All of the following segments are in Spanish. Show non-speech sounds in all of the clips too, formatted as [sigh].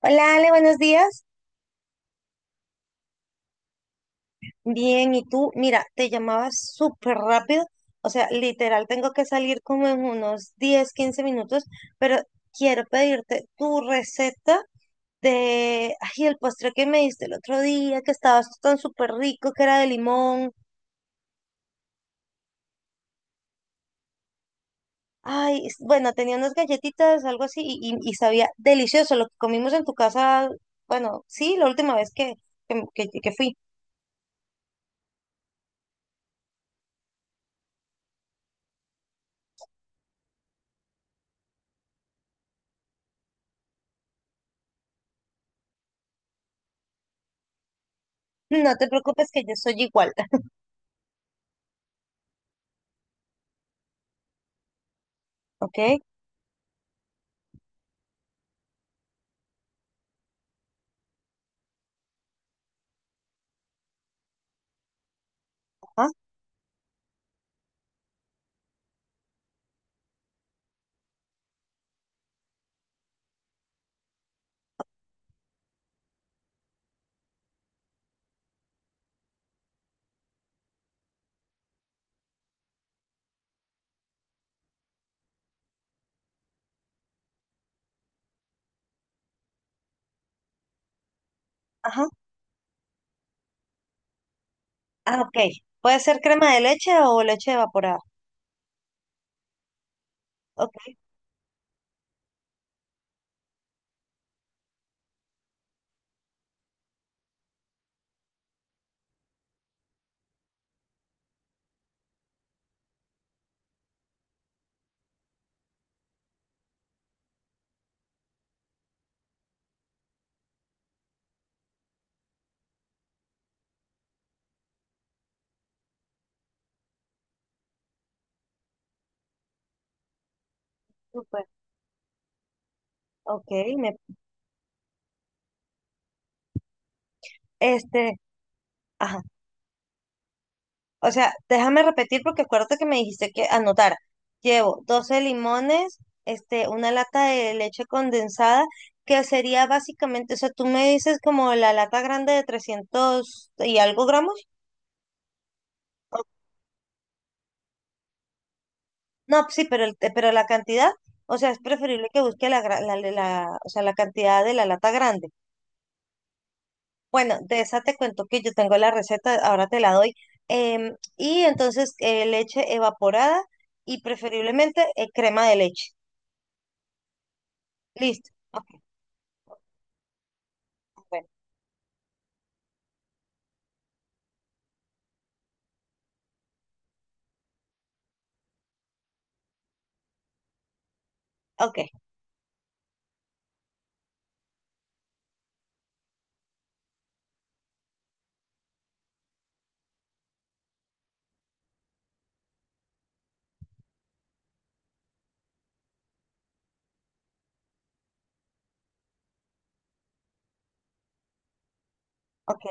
Hola Ale, buenos días. Bien, ¿y tú? Mira, te llamaba súper rápido. O sea, literal, tengo que salir como en unos 10 15 minutos, pero quiero pedirte tu receta de, ay, el postre que me diste el otro día, que estaba tan súper rico, que era de limón. Bueno, tenía unas galletitas, algo así, y sabía delicioso lo que comimos en tu casa. Bueno, sí, la última vez que fui. No te preocupes que yo soy igual. [laughs] ¿Ok? Ajá. Ah, ok. Puede ser crema de leche o leche evaporada. Ok, súper. Ok, me, este, ajá. O sea, déjame repetir porque acuérdate que me dijiste que anotar. Llevo 12 limones, una lata de leche condensada, que sería básicamente, o sea, tú me dices como la lata grande de 300 y algo gramos. O- No, sí, pero, pero la cantidad, o sea, es preferible que busque la, o sea, la cantidad de la lata grande. Bueno, de esa te cuento que yo tengo la receta, ahora te la doy. Y entonces leche evaporada y preferiblemente crema de leche. Listo. Ok, bueno, ok, ok.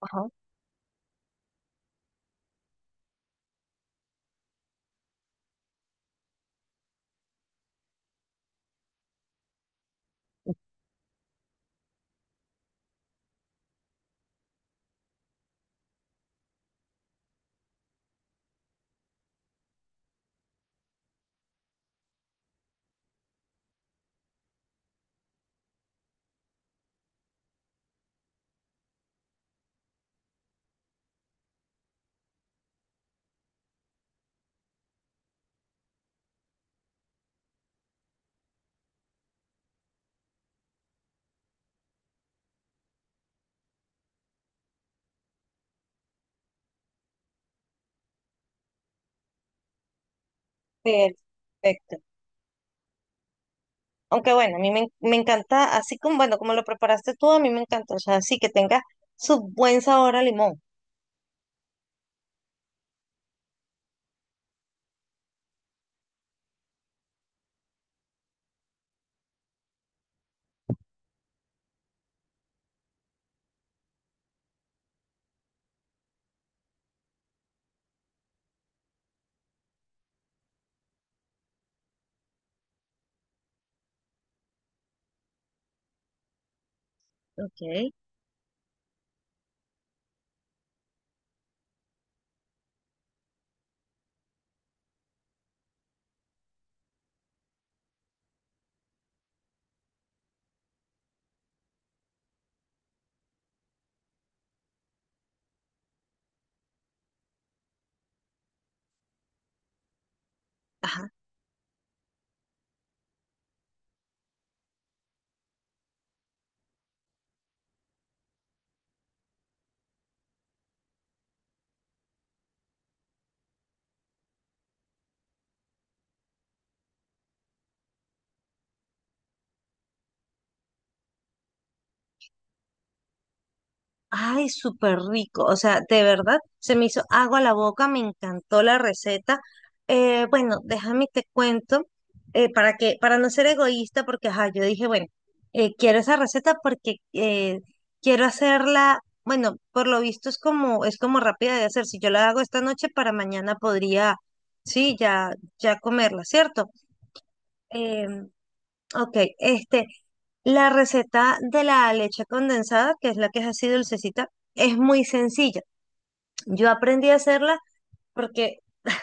Ajá. Perfecto. Aunque bueno, a mí me, en- me encanta, así como, bueno, como lo preparaste tú, a mí me encanta, o sea, sí que tenga su buen sabor a limón. Ok. Ay, súper rico. O sea, de verdad, se me hizo agua a la boca, me encantó la receta. Bueno, déjame te cuento, para para no ser egoísta, porque ajá, yo dije, bueno, quiero esa receta porque quiero hacerla, bueno, por lo visto es como rápida de hacer. Si yo la hago esta noche, para mañana podría, sí, ya, ya comerla, ¿cierto? Em, Ok, la receta de la leche condensada, que es la que es así dulcecita, es muy sencilla. Yo aprendí a hacerla porque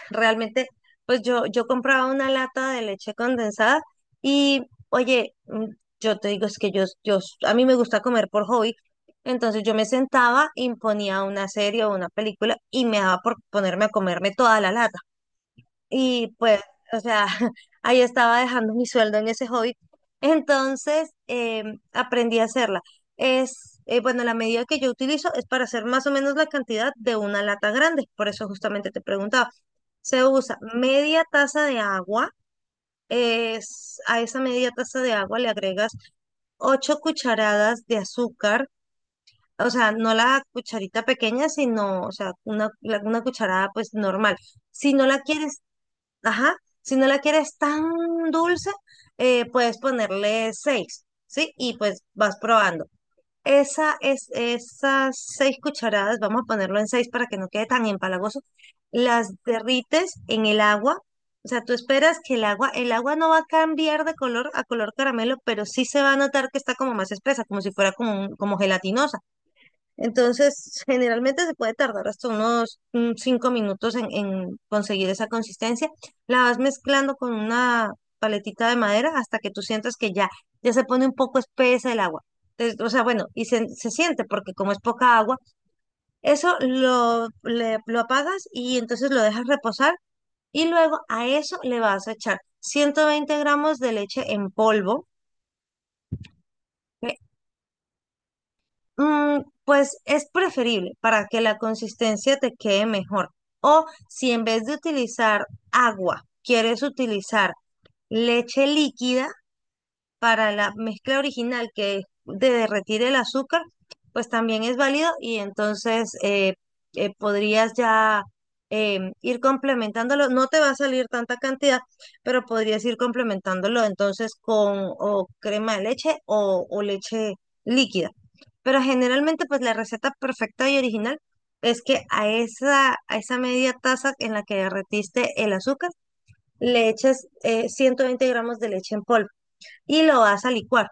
realmente, pues yo compraba una lata de leche condensada y, oye, mm, yo te digo, es que a mí me gusta comer por hobby, entonces yo me sentaba, imponía una serie o una película y me daba por ponerme a comerme toda la lata. Y pues, o sea, [laughs] ahí estaba dejando mi sueldo en ese hobby. Entonces, aprendí a hacerla. Bueno, la medida que yo utilizo es para hacer más o menos la cantidad de una lata grande. Por eso justamente te preguntaba. Se usa media taza de agua. Es, a esa media taza de agua le agregas 8 cucharadas de azúcar. O sea, no la cucharita pequeña, sino, o sea, una cucharada pues normal. Si no la quieres. Ajá, si no la quieres tan dulce, puedes ponerle seis, ¿sí? Y pues vas probando. Esas seis cucharadas, vamos a ponerlo en seis para que no quede tan empalagoso, las derrites en el agua. O sea, tú esperas que el agua no va a cambiar de color a color caramelo, pero sí se va a notar que está como más espesa, como si fuera como gelatinosa. Entonces, generalmente se puede tardar hasta unos 5 minutos en conseguir esa consistencia. La vas mezclando con una paletita de madera hasta que tú sientas que ya, ya se pone un poco espesa el agua. O sea, bueno, se siente porque como es poca agua, lo apagas y entonces lo dejas reposar y luego a eso le vas a echar 120 gramos de leche en polvo. Mm, pues es preferible para que la consistencia te quede mejor. O si en vez de utilizar agua, quieres utilizar leche líquida, para la mezcla original que es de derretir el azúcar, pues también es válido y entonces podrías ya ir complementándolo. No te va a salir tanta cantidad, pero podrías ir complementándolo entonces con o crema de leche o leche líquida. Pero generalmente, pues la receta perfecta y original es que a esa media taza en la que derretiste el azúcar, le eches 120 gramos de leche en polvo y lo vas a licuar.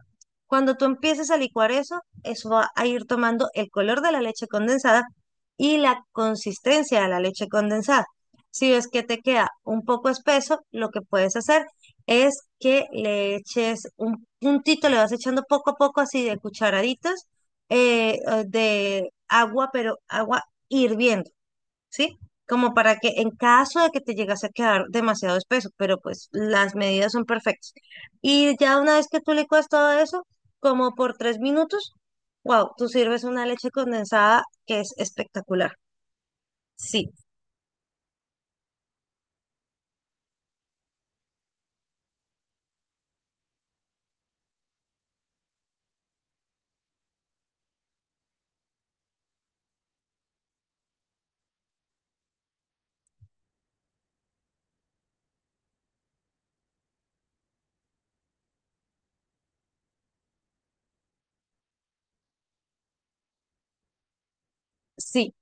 Cuando tú empieces a licuar eso, eso va a ir tomando el color de la leche condensada y la consistencia de la leche condensada. Si ves que te queda un poco espeso, lo que puedes hacer es que le eches un puntito, le vas echando poco a poco así de cucharaditas de agua, pero agua hirviendo. ¿Sí? Como para que en caso de que te llegase a quedar demasiado espeso, pero pues las medidas son perfectas. Y ya una vez que tú licuas todo eso, como por 3 minutos, wow, tú sirves una leche condensada que es espectacular. Sí, sí,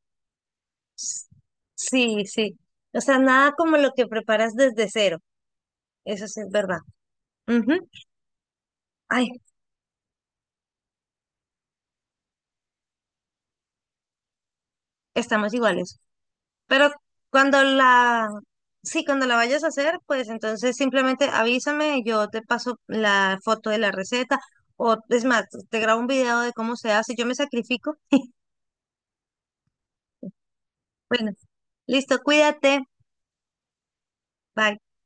s- sí, sí. O sea, nada como lo que preparas desde cero. Eso sí es verdad. Ujú. Ay, estamos iguales. Pero cuando la, sí, cuando la vayas a hacer, pues entonces simplemente avísame, yo te paso la foto de la receta o es más, te grabo un video de cómo se hace, yo me sacrifico. Bueno, listo, cuídate. Bye.